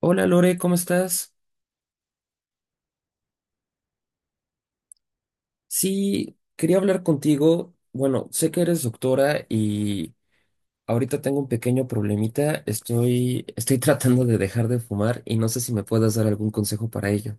Hola Lore, ¿cómo estás? Sí, quería hablar contigo. Bueno, sé que eres doctora y ahorita tengo un pequeño problemita. Estoy tratando de dejar de fumar y no sé si me puedas dar algún consejo para ello.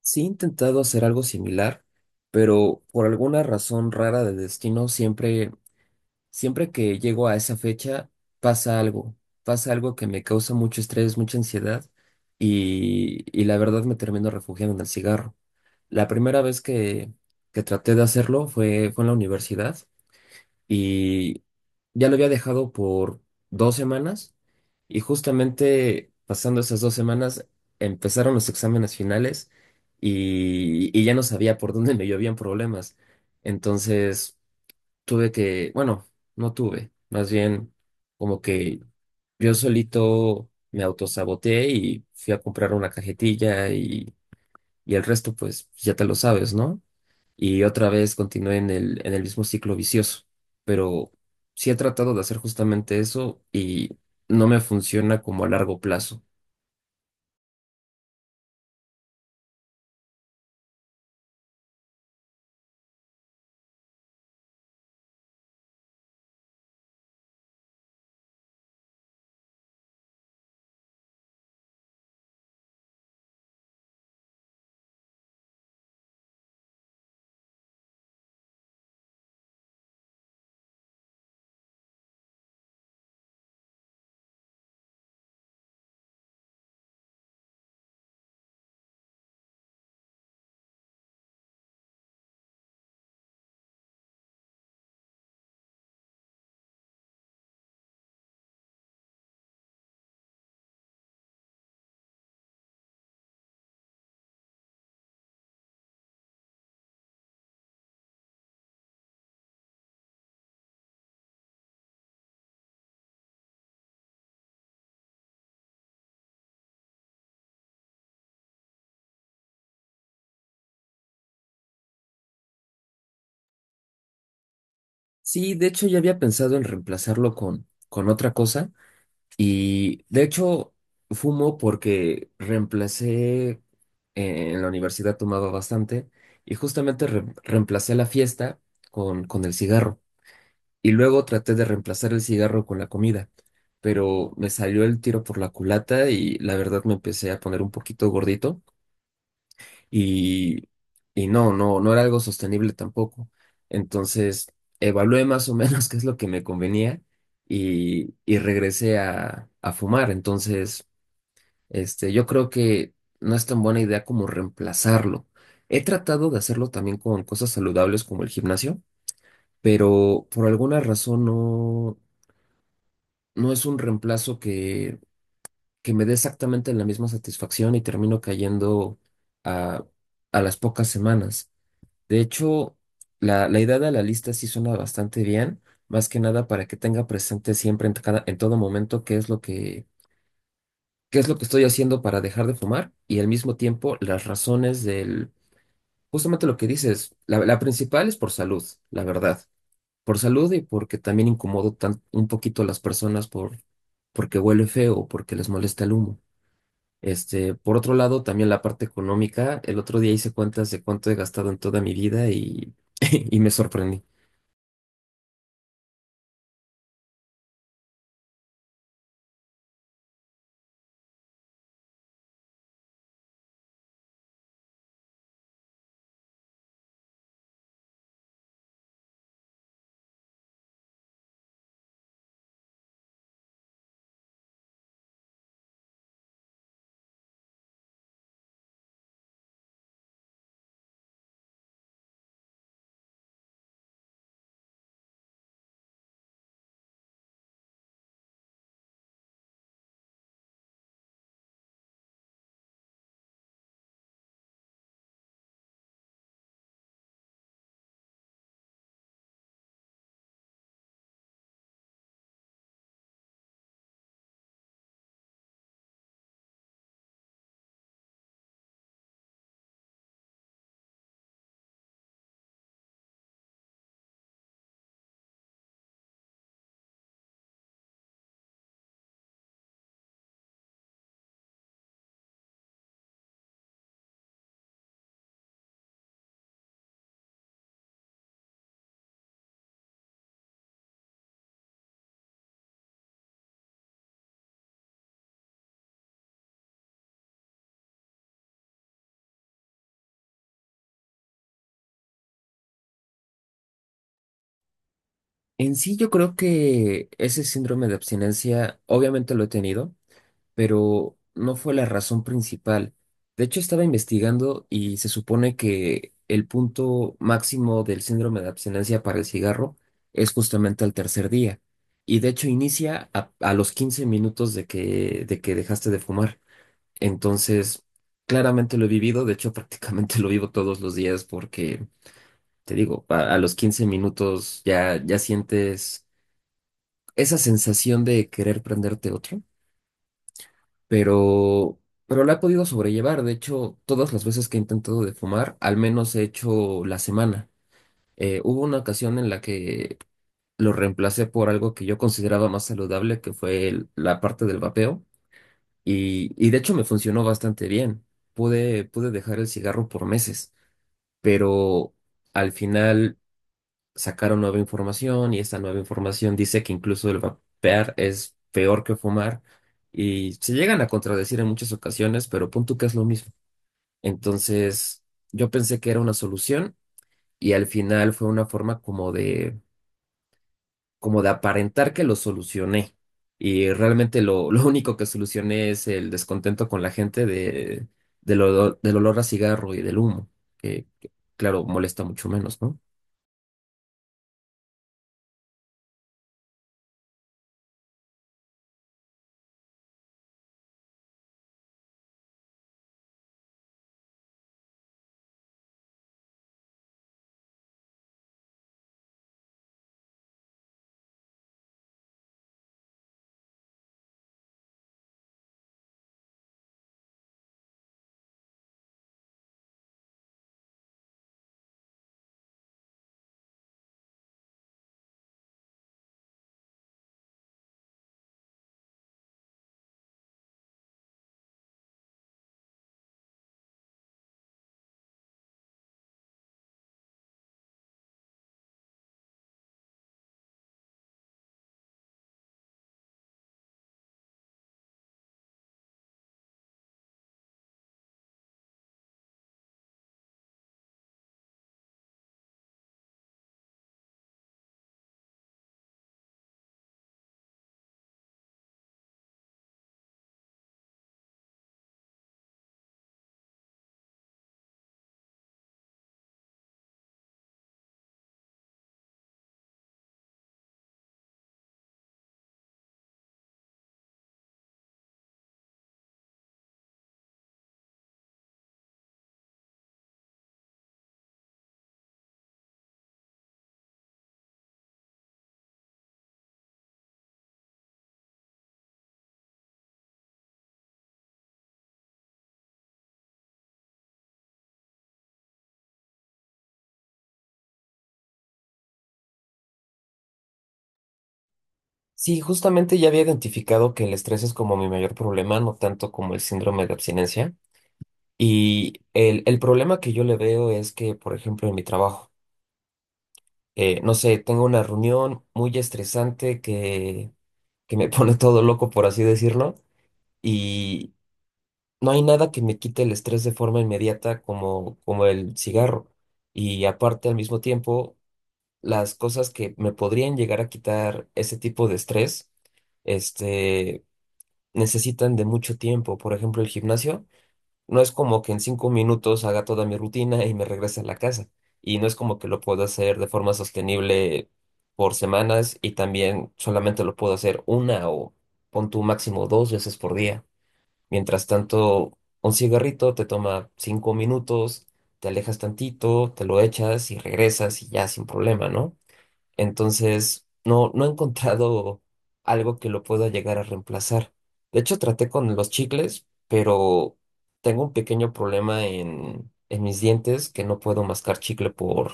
Sí, he intentado hacer algo similar, pero por alguna razón rara de destino, siempre, siempre que llego a esa fecha, pasa algo. Pasa algo que me causa mucho estrés, mucha ansiedad y la verdad me termino refugiando en el cigarro. La primera vez que traté de hacerlo fue en la universidad y ya lo había dejado por dos semanas, y justamente pasando esas dos semanas empezaron los exámenes finales y ya no sabía por dónde me llovían problemas. Entonces tuve que, bueno, no tuve, más bien como que yo solito me autosaboteé y fui a comprar una cajetilla y el resto pues ya te lo sabes, ¿no? Y otra vez continué en el mismo ciclo vicioso. Pero sí he tratado de hacer justamente eso y no me funciona como a largo plazo. Sí, de hecho ya había pensado en reemplazarlo con otra cosa, y de hecho fumo porque reemplacé, en la universidad tomaba bastante y justamente reemplacé la fiesta con el cigarro. Y luego traté de reemplazar el cigarro con la comida, pero me salió el tiro por la culata y la verdad me empecé a poner un poquito gordito y, y, no, no, no era algo sostenible tampoco. Entonces evalué más o menos qué es lo que me convenía y regresé a fumar. Entonces, este, yo creo que no es tan buena idea como reemplazarlo. He tratado de hacerlo también con cosas saludables como el gimnasio, pero por alguna razón no, no es un reemplazo que me dé exactamente la misma satisfacción y termino cayendo a, a las pocas semanas. De hecho, la idea de la lista sí suena bastante bien, más que nada para que tenga presente siempre en, en todo momento qué es lo que, qué es lo que estoy haciendo para dejar de fumar y al mismo tiempo las razones del, justamente lo que dices, la principal es por salud, la verdad, por salud y porque también incomodo un poquito a las personas por, porque huele feo o porque les molesta el humo. Este, por otro lado, también la parte económica. El otro día hice cuentas de cuánto he gastado en toda mi vida y, y me sorprendí. En sí, yo creo que ese síndrome de abstinencia, obviamente lo he tenido, pero no fue la razón principal. De hecho, estaba investigando y se supone que el punto máximo del síndrome de abstinencia para el cigarro es justamente al tercer día. Y de hecho inicia a los 15 minutos de que dejaste de fumar. Entonces, claramente lo he vivido, de hecho prácticamente lo vivo todos los días porque, te digo, a los 15 minutos ya, ya sientes esa sensación de querer prenderte otro, pero, pero la he podido sobrellevar. De hecho, todas las veces que he intentado de fumar, al menos he hecho la semana. Hubo una ocasión en la que lo reemplacé por algo que yo consideraba más saludable, que fue la parte del vapeo, y de hecho me funcionó bastante bien. Pude dejar el cigarro por meses, pero al final sacaron nueva información, y esta nueva información dice que incluso el vapear es peor que fumar y se llegan a contradecir en muchas ocasiones, pero punto que es lo mismo. Entonces, yo pensé que era una solución y al final fue una forma como de aparentar que lo solucioné. Y realmente lo, lo único que solucioné es el descontento con la gente de, del olor a cigarro y del humo, que, claro, molesta mucho menos, ¿no? Sí, justamente ya había identificado que el estrés es como mi mayor problema, no tanto como el síndrome de abstinencia. Y el problema que yo le veo es que, por ejemplo, en mi trabajo, no sé, tengo una reunión muy estresante que me pone todo loco, por así decirlo, y no hay nada que me quite el estrés de forma inmediata como, como el cigarro. Y aparte, al mismo tiempo, las cosas que me podrían llegar a quitar ese tipo de estrés. Este, necesitan de mucho tiempo. Por ejemplo, el gimnasio no es como que en cinco minutos haga toda mi rutina y me regrese a la casa. Y no es como que lo puedo hacer de forma sostenible por semanas, y también solamente lo puedo hacer una o pon tu máximo dos veces por día. Mientras tanto, un cigarrito te toma cinco minutos, te alejas tantito, te lo echas y regresas y ya sin problema, ¿no? Entonces, no, no he encontrado algo que lo pueda llegar a reemplazar. De hecho, traté con los chicles, pero tengo un pequeño problema en mis dientes que no puedo mascar chicle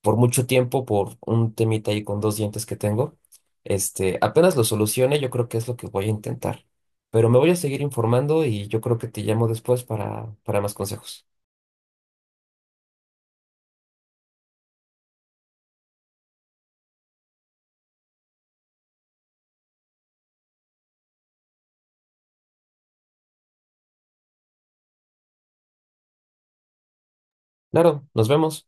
por mucho tiempo, por un temita ahí con dos dientes que tengo. Este, apenas lo solucione, yo creo que es lo que voy a intentar. Pero me voy a seguir informando y yo creo que te llamo después para más consejos. Claro, nos vemos.